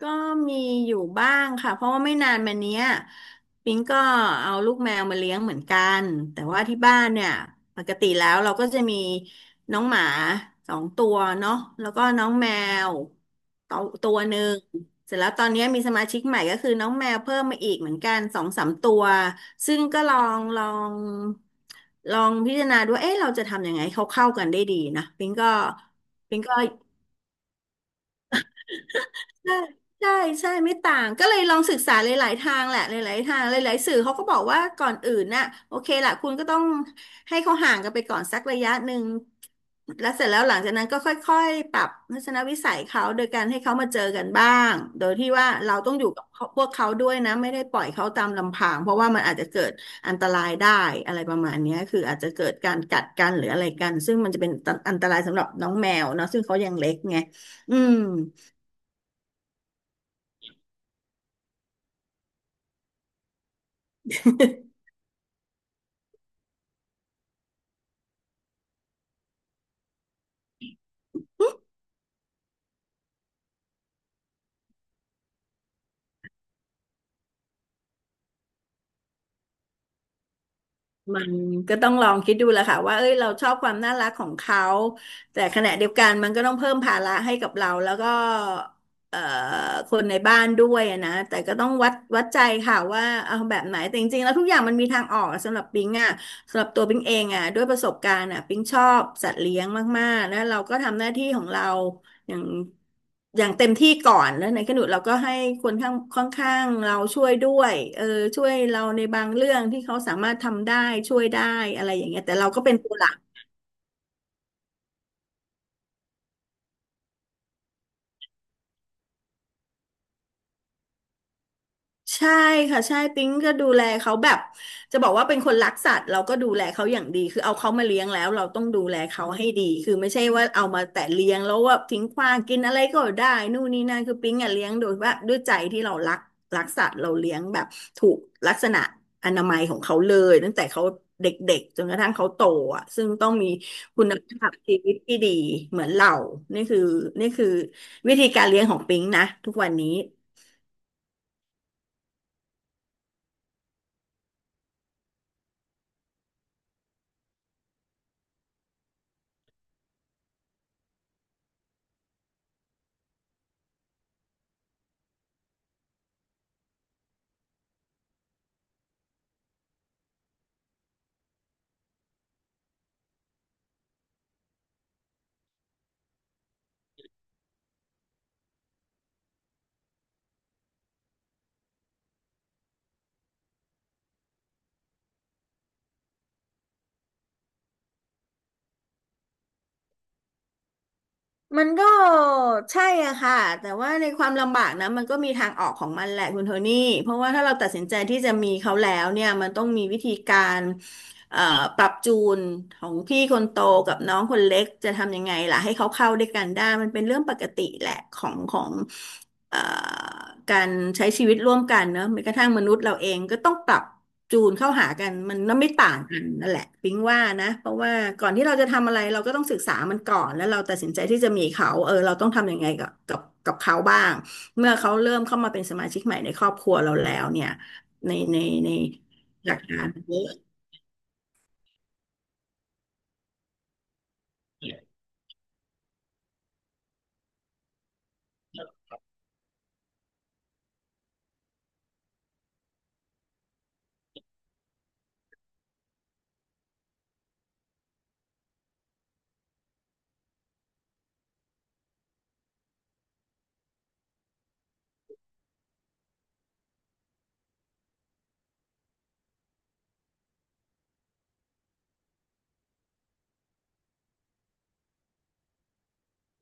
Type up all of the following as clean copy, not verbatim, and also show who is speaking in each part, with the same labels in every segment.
Speaker 1: ก็มีอยู่บ้างค่ะเพราะว่าไม่นานมาเนี้ยปิงก็เอาลูกแมวมาเลี้ยงเหมือนกันแต่ว่าที่บ้านเนี่ยปกติแล้วเราก็จะมีน้องหมาสองตัวเนาะแล้วก็น้องแมวตัวตัวหนึ่งเสร็จแล้วตอนเนี้ยมีสมาชิกใหม่ก็คือน้องแมวเพิ่มมาอีกเหมือนกันสองสามตัวซึ่งก็งลองพิจารณาดูว่าเอ๊ะเราจะทำยังไงให้เขาเข้ากันได้ดีนะปิงก็ ใช่ใช่ใช่ไม่ต่าง ก็เลยลองศึกษาหลายๆทางแหละหลายๆทาง หลายๆสื่อเขาก็บอกว่าก่อนอื่นน่ะโอเคล่ะคุณก็ต้องให้เขาห่างกันไปก่อนสักระยะหนึ่งแล้วเสร็จแล้วหลังจากนั้นก็ค่อยๆปรับทัศนวิสัยเขาโดยการให้เขามาเจอกันบ้างโดยที่ว่าเราต้องอยู่กับพวกเขาด้วยนะไม่ได้ปล่อยเขาตามลำพังเพราะว่ามันอาจจะเกิดอันตรายได้อะไรประมาณเนี้ยคืออาจจะเกิดการกัดกันหรืออะไรกันซึ่งมันจะเป็นอันตรายสำหรับน้องแมวเนาะซึ่งเขายังเล็กไงอืม มันก็ต้องลองคิดดูแหละค่ะว่าเอ้ยเราชอบความน่ารักของเขาแต่ขณะเดียวกันมันก็ต้องเพิ่มภาระให้กับเราแล้วก็เอ่อคนในบ้านด้วยอะนะแต่ก็ต้องวัดใจค่ะว่าเอาแบบไหนแต่จริงๆแล้วทุกอย่างมันมีทางออกสำหรับปิงอ่ะสำหรับตัวปิงเองอ่ะด้วยประสบการณ์อ่ะปิงชอบสัตว์เลี้ยงมากๆแล้วเราก็ทำหน้าที่ของเรา อย่างอย่างเต็มที่ก่อนแล้วในขณะเราก็ให้คนข้างค่อนข้างเราช่วยด้วยเออช่วยเราในบางเรื่องที่เขาสามารถทำได้ช่วยได้อะไรอย่างเงี้ยแต่เราก็เป็นตัวหลัก ใช่ค่ะใช่ปิ๊งก็ดูแลเขาแบบจะบอกว่าเป็นคนรักสัตว์เราก็ดูแลเขาอย่างดีคือเอาเขามาเลี้ยงแล้วเราต้องดูแลเขาให้ดีคือไม่ใช่ว่าเอามาแต่เลี้ยงแล้วว่าทิ้งขว้างกินอะไรก็ได้นู่นนี่นั่นคือปิ๊งอ่ะเลี้ยงโดยว่าด้วยใจที่เรารักสัตว์เราเลี้ยงแบบถูกลักษณะอนามัยของเขาเลยตั้งแต่เขาเด็กๆจนกระทั่งเขาโตอ่ะซึ่งต้องมีคุณภาพชีวิตที่ดีเหมือนเรานี่คือนี่คือวิธีการเลี้ยงของปิ๊งนะทุกวันนี้ มันก็ใช่อะค่ะแต่ว่าในความลำบากนะมันก็มีทางออกของมันแหละคุณโทนี่เพราะว่าถ้าเราตัดสินใจที่จะมีเขาแล้วเนี่ยมันต้องมีวิธีการเอ่อปรับจูนของพี่คนโตกับน้องคนเล็กจะทำยังไงล่ะให้เขาเข้าด้วยกันได้มันเป็นเรื่องปกติแหละของ เอ่อการใช้ชีวิตร่วมกันเนอะแม้กระทั่งมนุษย์เราเองก็ต้องปรับจูนเข้าหากันมันไม่ต่างกันนั่นแหละปิ๊งว่านะเพราะว่าก่อนที่เราจะทำอะไรเราก็ต้องศึกษามันก่อนแล้วเราตัดสินใจที่จะมีเขาเออเราต้องทำยังไงกับเขาบ้าง เมื่อเขาเริ่มเข้ามาเป็นสมาชิกใหม่ในครอบครัวเราแล้วเนี่ยในในในหลักการเยอะ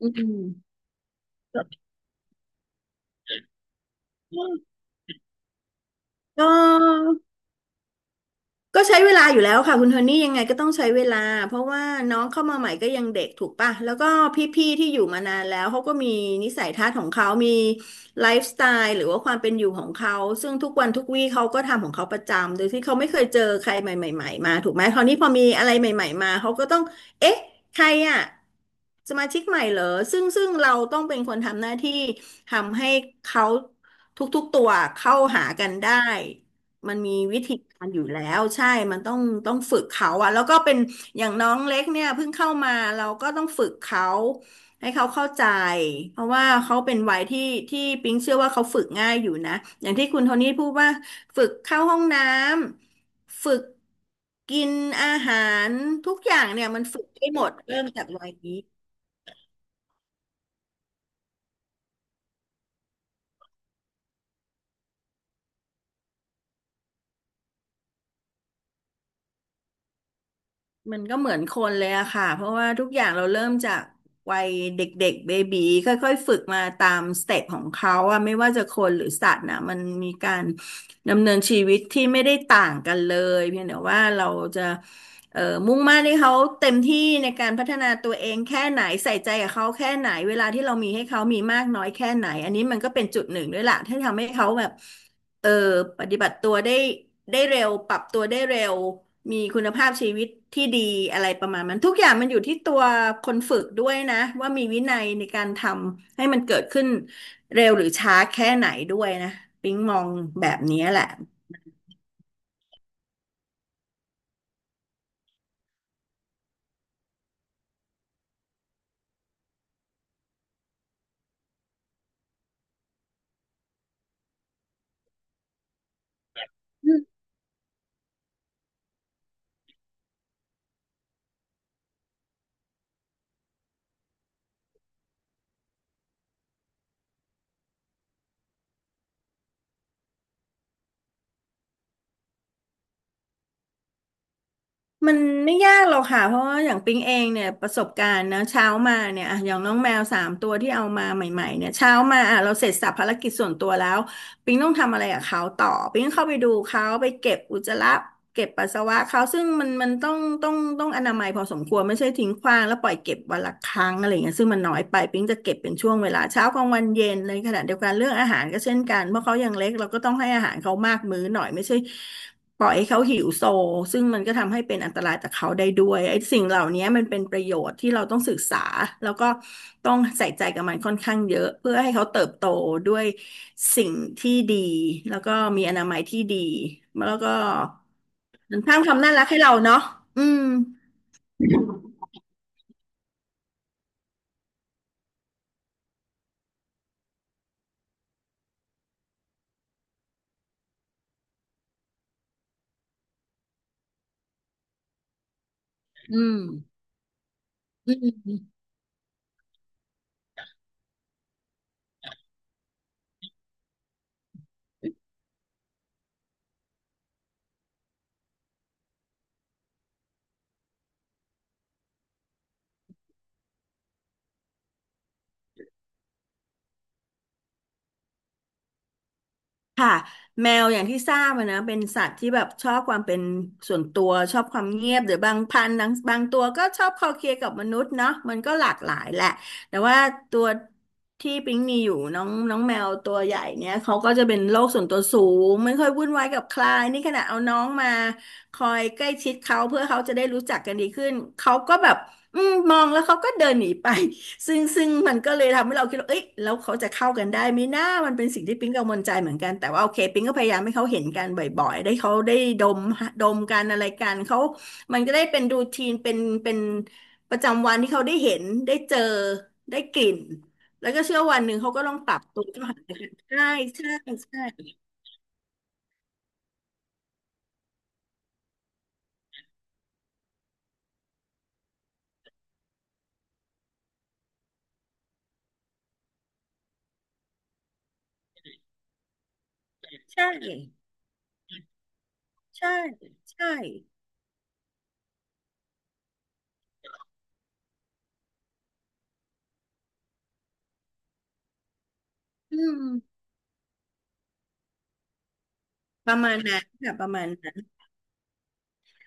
Speaker 1: อืมก็ ก็ใช้เวลาอยู่แล้วค่ะคุณโทนี่ยังไงก็ต้องใช้เวลาเพราะว่าน้องเข้ามาใหม่ก็ยังเด็กถูกป่ะแล้วก็พี่ๆที่อยู่มานานแล้วเขาก็มีนิสัยทัศน์ของเขามีไลฟ์สไตล์หรือว่าความเป็นอยู่ของเขาซึ่งทุกวันทุกวี่เขาก็ทำของเขาประจำโดยที่เขาไม่เคยเจอใครใหม่ๆมาถูกไหมคราวนี้พอมีอะไรใหม่ๆมาเขาก็ต้องเอ๊ะใครอ่ะสมาชิกใหม่เหรอซึ่งเราต้องเป็นคนทำหน้าที่ทำให้เขาทุกๆตัวเข้าหากันได้ มันมีวิธีการอยู่แล้วใช่ มันต้องฝึกเขาอะแล้วก็เป็นอย่างน้องเล็กเนี่ยเพิ่งเข้ามาเราก็ต้องฝึกเขาให้เขาเข้าใจเพราะว่าเขาเป็นวัยที่ปิ๊งเชื่อว่าเขาฝึกง่ายอยู่นะอย่างที่คุณโทนี่พูดว่าฝึกเข้าห้องน้ำฝึกกินอาหารทุกอย่างเนี่ยมันฝึกได้หมดเริ่มจากวัยนี้ มันก็เหมือนคนเลยอะค่ะเพราะว่าทุกอย่างเราเริ่มจากวัยเด็กๆเบบีค่อยๆฝึกมาตามสเต็ปของเขาอะไม่ว่าจะคนหรือสัตว์นะมันมีการดำเนินชีวิตที่ไม่ได้ต่างกันเลยเพียงแต่ว่าเราจะเอ่อมุ่งมั่นให้เขาเต็มที่ในการพัฒนาตัวเองแค่ไหนใส่ใจกับเขาแค่ไหนเวลาที่เรามีให้เขามีมากน้อยแค่ไหนอันนี้มันก็เป็นจุดหนึ่งด้วยล่ะที่ทำให้เขาแบบ เออปฏิบัติตัวได้ได้เร็วปรับตัวได้เร็วมีคุณภาพชีวิตที่ดีอะไรประมาณนั้นทุกอย่างมันอยู่ที่ตัวคนฝึกด้วยนะว่ามีวินัยในการทำให้มันเกิดขึ้นเร็วหรือช้าแค่ไหนด้วยนะปิ๊งมองแบบนี้แหละ มันไม่ยากหรอกค่ะเพราะว่าอย่างปิ๊งเองเนี่ยประสบการณ์นะเช้ามาเนี่ยอ่ะอย่างน้องแมว3 ตัวที่เอามาใหม่ๆเนี่ยเช้ามาอ่ะเราเสร็จสรรพภารกิจส่วนตัวแล้วปิ๊งต้องทำอะไรกับเขาต่อปิ๊งเข้าไปดูเขาไปเก็บอุจจาระเก็บปัสสาวะเขาซึ่งมันต้องต้องอนามัยพอสมควรไม่ใช่ทิ้งขว้างแล้วปล่อยเก็บวันละครั้งอะไรเงี้ยซึ่งมันน้อยไปปิ๊งจะเก็บเป็นช่วงเวลาเช้ากลางวันเย็นในขณะเดียวกันเรื่องอาหารก็เช่นกันเพราะเขายังเล็กเราก็ต้องให้อาหารเขามากมื้อหน่อยไม่ใช่ ปล่อยให้เขาหิวโซซึ่งมันก็ทำให้เป็นอันตรายต่อเขาได้ด้วยไอ้สิ่งเหล่านี้มันเป็นประโยชน์ที่เราต้องศึกษาแล้วก็ต้องใส่ใจกับมันค่อนข้างเยอะเพื่อให้เขาเติบโตด้วยสิ่งที่ดีแล้วก็มีอนามัยที่ดีแล้วก็มันสร้างความน่ารักให้เราเนาะอืมอืมอืม แมวอย่างที่ทราบอะนะเป็นสัตว์ที่แบบชอบความเป็นส่วนตัวชอบความเงียบหรือบางพันธุ์บางตัวก็ชอบคลอเคลียร์กับมนุษย์เนาะมันก็หลากหลายแหละแต่ว่าตัวที่ปิ๊งมีอยู่น้องน้องแมวตัวใหญ่เนี่ยเขาก็จะเป็นโลกส่วนตัวสูงไม่ค่อยวุ่นวายกับใครนี่ขนาดเอาน้องมาคอยใกล้ชิดเขาเพื่อเขาจะได้รู้จักกันดีขึ้นเขาก็แบบอืมมองแล้วเขาก็เดินหนีไป ซึ่งมันก็เลยทำให้เราคิดว่าเอ้ยแล้วเขาจะเข้ากันได้ไหมนะมันเป็นสิ่งที่ปิ๊งกังวลใจเหมือนกันแต่ว่าโอเคปิ๊งก็พยายามให้เขาเห็นกันบ่อยๆได้เขาได้ดมดมกันอะไรกันเขามันก็ได้เป็นรูทีนเป็นประจำวันที่เขาได้เห็นได้เจอได้กลิ่นแล้วก็เชื่อวันหนึ่งเขาก็ต้องปรับตัวเข้าหากันใช่ใช่ใช่ใช่ใช่ใช่อืมประมาณนั้นค่ะประมาณนั้น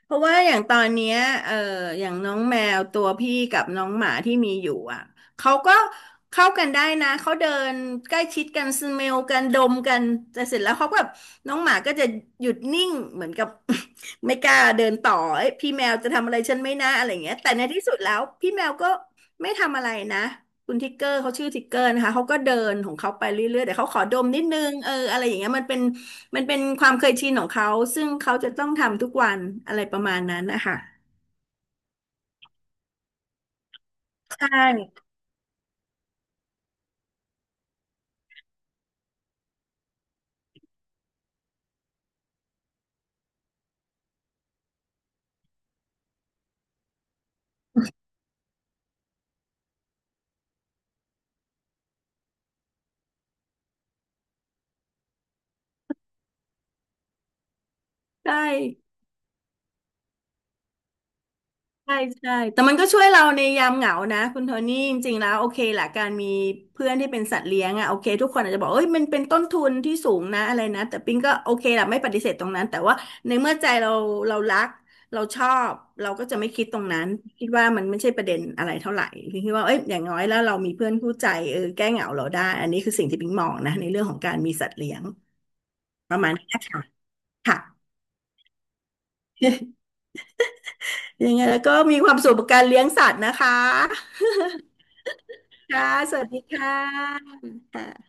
Speaker 1: เพราะว่าอย่างตอนเนี้ยเอออย่างน้องแมวตัวพี่กับน้องหมาที่มีอยู่อ่ะเขาก็เข้ากันได้นะเขาเดินใกล้ชิดกันสเมลกันดมกันแต่เสร็จแล้วเขาก็แบบน้องหมาก็จะหยุดนิ่งเหมือนกับ ไม่กล้าเดินต่อเอ้ยพี่แมวจะทำอะไรฉันไม่น่าอะไรอย่างเงี้ยแต่ในที่สุดแล้วพี่แมวก็ไม่ทำอะไรนะคุณทิกเกอร์เขาชื่อทิกเกอร์นะคะเขาก็เดินของเขาไปเรื่อยๆแต่เขาขอดมนิดนึงเอออะไรอย่างเงี้ยมันเป็น มันเป็นความเคยชินของเขา ซึ่งเขาจะต้องทำทุกวันอะไรประมาณนั้นนะคะใช่ใช่ใช่ใช่ แต่มันก็ช่วยเราในยามเหงานะคุณโทนี่จริงๆแล้วโอเคแหละการมีเพื่อนที่เป็นสัตว์เลี้ยงอะโอเคทุกคนอาจจะบอกเอ้ยมันเป็นต้นทุนที่สูงนะอะไรนะแต่ปิงก็โอเคแหละไม่ปฏิเสธตรงนั้นแต่ว่าในเมื่อใจเราเรารักเราชอบเราก็จะไม่คิดตรงนั้นคิดว่ามันไม่ใช่ประเด็นอะไรเท่าไหร่ปิงคิดว่าเอ้ยอย่างน้อยแล้วเรามีเพื่อนคู่ใจเออแก้เหงาเราได้อันนี้คือสิ่งที่ปิงมองนะในเรื่องของการมีสัตว์เลี้ยง ประมาณนี้ค่ะค่ะ ยังไงแล้วก็มีความสุขกับการเลี้ยงสัตว์นะคะค่ะสวัสดีค่ะค่ะ